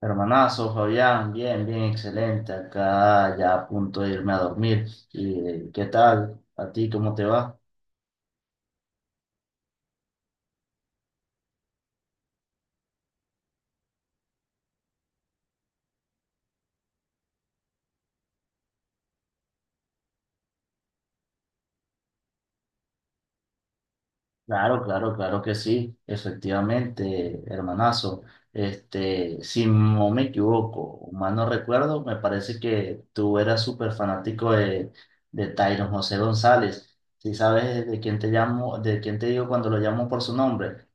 Hermanazo, Fabián, bien, bien, excelente. Acá ya a punto de irme a dormir. ¿Y qué tal? ¿A ti cómo te va? Claro, claro, claro que sí, efectivamente, hermanazo. Este, si no me equivoco, o mal no recuerdo, me parece que tú eras súper fanático de Tyron José González. ¿Si sabes de quién te llamo, de quién te digo cuando lo llamo por su nombre?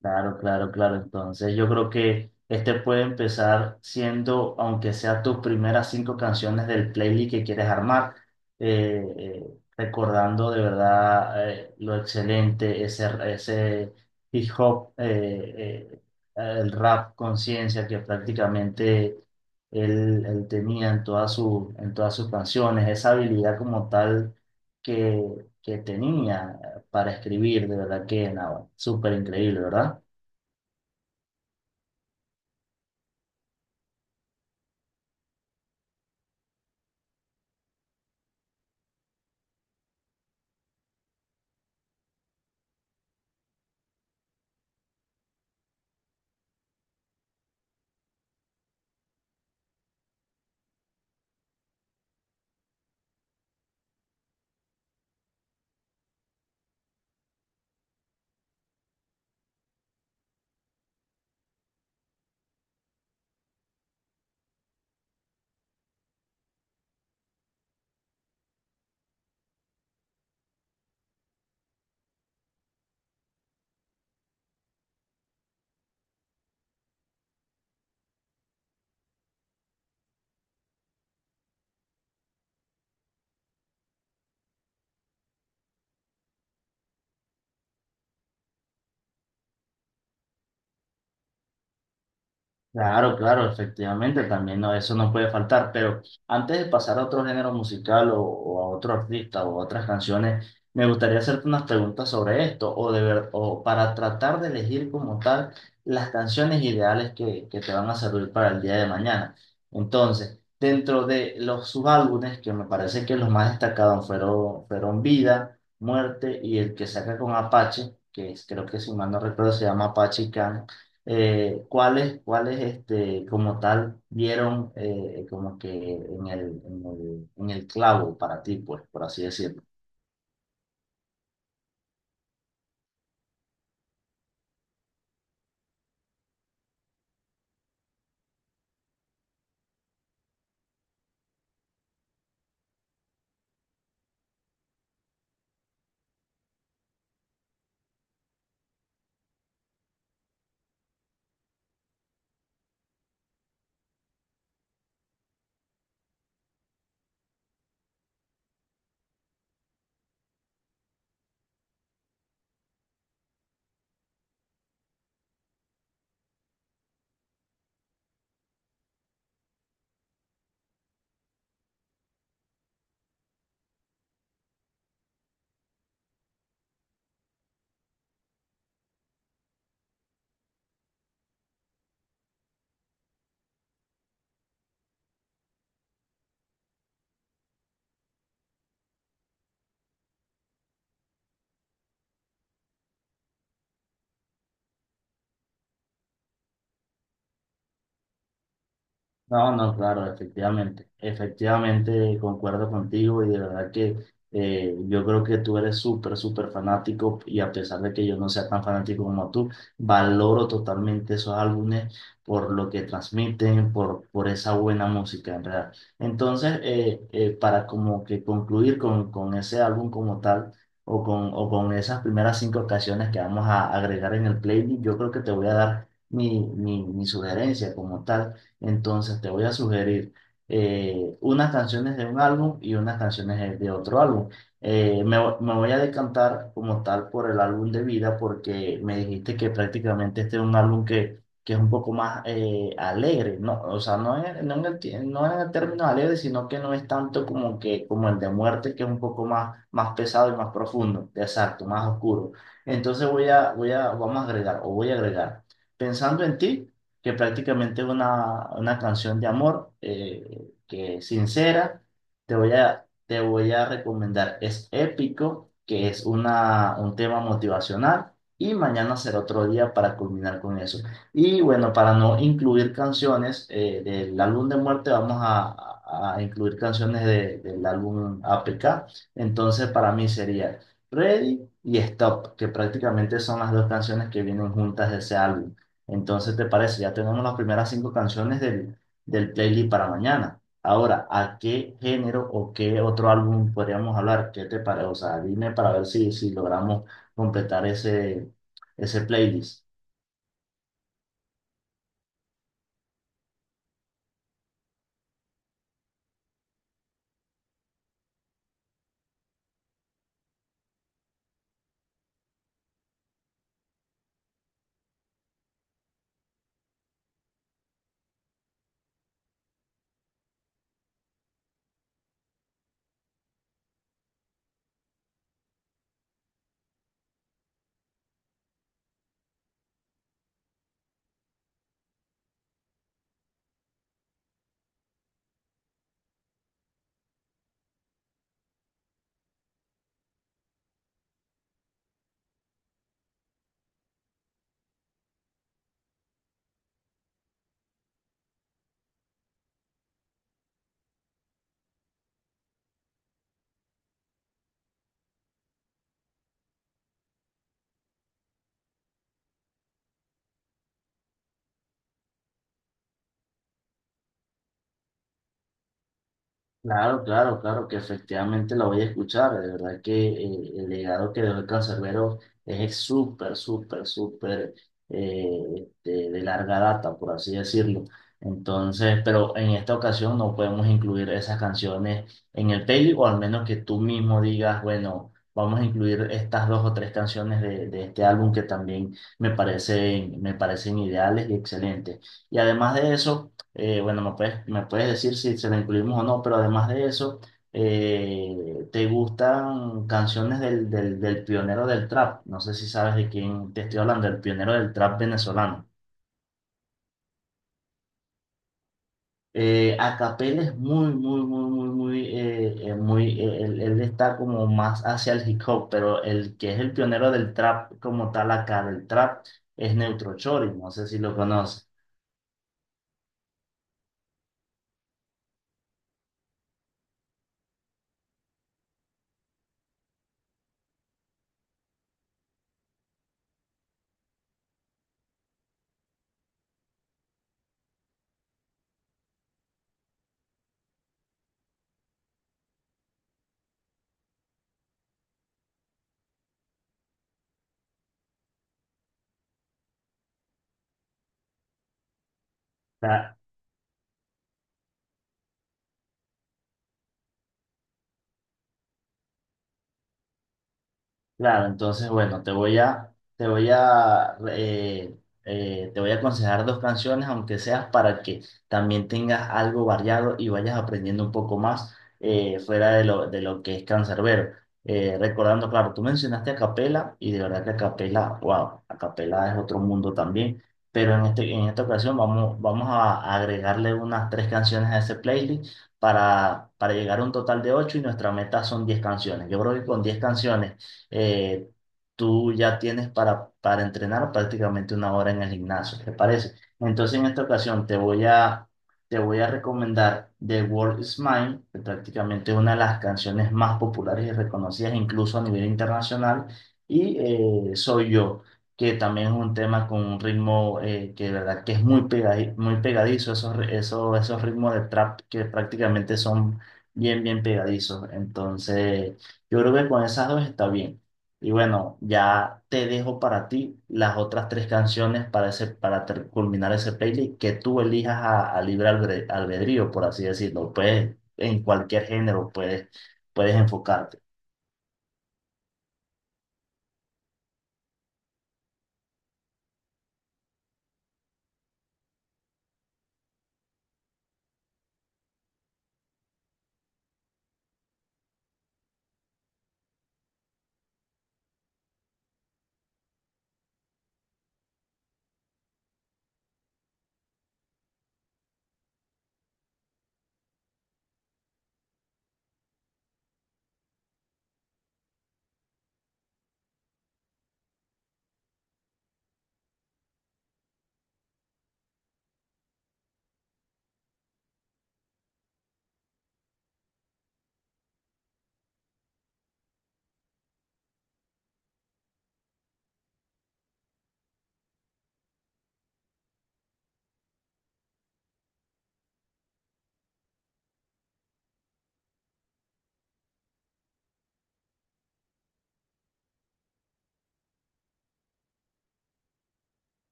Claro, claro, claro. Entonces yo creo que este puede empezar siendo, aunque sea tus primeras cinco canciones del playlist que quieres armar, recordando de verdad lo excelente, ese hip hop, el rap conciencia que prácticamente él tenía en todas sus canciones, esa habilidad como tal que tenía para escribir, de verdad que nada, súper increíble, ¿verdad? Claro, claro, efectivamente, también no, eso no puede faltar, pero antes de pasar a otro género musical o a otro artista o a otras canciones, me gustaría hacerte unas preguntas sobre esto o para tratar de elegir como tal las canciones ideales que te van a servir para el día de mañana. Entonces, dentro de los subálbumes, que me parece que los más destacados fueron Vida, Muerte y el que saca con Apache, creo que si mal no recuerdo se llama Apache Can. Cuáles como tal dieron, como que en el clavo para ti, pues, por así decirlo. No, no, claro, efectivamente, efectivamente concuerdo contigo y de verdad que, yo creo que tú eres súper, súper fanático y a pesar de que yo no sea tan fanático como tú, valoro totalmente esos álbumes por lo que transmiten, por esa buena música, en verdad. Entonces, para como que concluir con ese álbum como tal, o con esas primeras cinco canciones que vamos a agregar en el playlist, yo creo que te voy a dar mi sugerencia como tal. Entonces te voy a sugerir unas canciones de un álbum y unas canciones de otro álbum. Me voy a decantar como tal por el álbum de vida, porque me dijiste que prácticamente este es un álbum que es un poco más, alegre, ¿no? O sea, no en el término alegre, sino que no es tanto como, como el de muerte, que es un poco más pesado y más profundo, exacto, más oscuro. Entonces vamos a agregar, o voy a agregar. Pensando en ti, que prácticamente es una canción de amor, que es sincera. Te voy a recomendar Es Épico, que es un tema motivacional, y Mañana Será Otro Día para culminar con eso. Y bueno, para no incluir canciones del álbum de muerte, vamos a incluir canciones del álbum APK. Entonces, para mí sería Ready y Stop, que prácticamente son las dos canciones que vienen juntas de ese álbum. Entonces, ¿te parece? Ya tenemos las primeras cinco canciones del playlist para mañana. Ahora, ¿a qué género o qué otro álbum podríamos hablar? ¿Qué te parece? O sea, dime para ver si logramos completar ese playlist. Claro, claro, claro, que efectivamente la voy a escuchar. De verdad que, el legado que dejó el Canserbero es súper, súper, súper, de larga data, por así decirlo. Entonces, pero en esta ocasión no podemos incluir esas canciones en el playlist, o al menos que tú mismo digas, bueno, vamos a incluir estas dos o tres canciones de este álbum que también me parecen, ideales y excelentes. Y además de eso, bueno, me puedes decir si se la incluimos o no. Pero además de eso, ¿te gustan canciones del pionero del trap? No sé si sabes de quién te estoy hablando, el pionero del trap venezolano. Acapel es muy, muy, muy, muy, muy, muy, él está como más hacia el hip hop, pero el que es el pionero del trap como tal acá, del trap, es Neutro Chori, no sé si lo conoces. Claro, entonces bueno, te voy a aconsejar dos canciones, aunque seas para que también tengas algo variado y vayas aprendiendo un poco más, fuera de lo que es Canserbero. Recordando, claro, tú mencionaste a Capela, y de verdad que a Capela, wow, a Capela es otro mundo también. Pero en esta ocasión vamos a agregarle unas tres canciones a ese playlist, para llegar a un total de ocho, y nuestra meta son 10 canciones. Yo creo que con 10 canciones, eh, tú ya tienes para entrenar prácticamente una hora en el gimnasio, ¿te parece? Entonces, en esta ocasión te voy a recomendar The World Is Mine, que prácticamente es una de las canciones más populares y reconocidas incluso a nivel internacional, y, Soy Yo, que también es un tema con un ritmo, que de verdad que es muy pegadizo. Esos, esos ritmos de trap que prácticamente son bien, bien pegadizos. Entonces, yo creo que con esas dos está bien. Y bueno, ya te dejo para ti las otras tres canciones para culminar ese playlist, que tú elijas a libre albedrío, por así decirlo. Puedes, en cualquier género puedes enfocarte.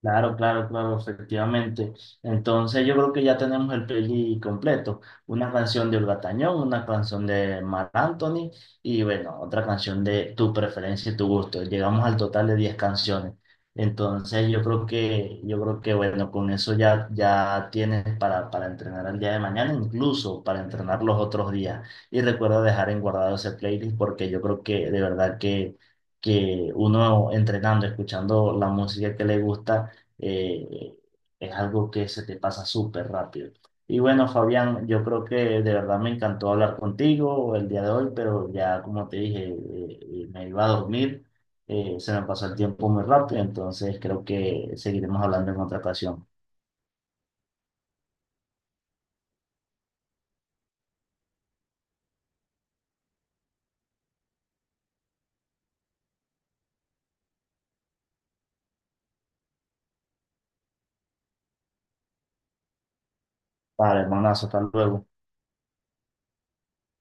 Claro, claro, claro, efectivamente. Entonces yo creo que ya tenemos el playlist completo. Una canción de Olga Tañón, una canción de Marc Anthony, y bueno, otra canción de tu preferencia y tu gusto. Llegamos al total de 10 canciones. Entonces yo creo que bueno, con eso ya, ya tienes para entrenar el día de mañana, incluso para entrenar los otros días. Y recuerda dejar en guardado ese playlist, porque yo creo que de verdad que uno entrenando, escuchando la música que le gusta, eh, es algo que se te pasa súper rápido. Y bueno, Fabián, yo creo que de verdad me encantó hablar contigo el día de hoy, pero ya como te dije, me iba a dormir, se me pasó el tiempo muy rápido, entonces creo que seguiremos hablando en otra ocasión. Vale, hermanazo, hasta luego.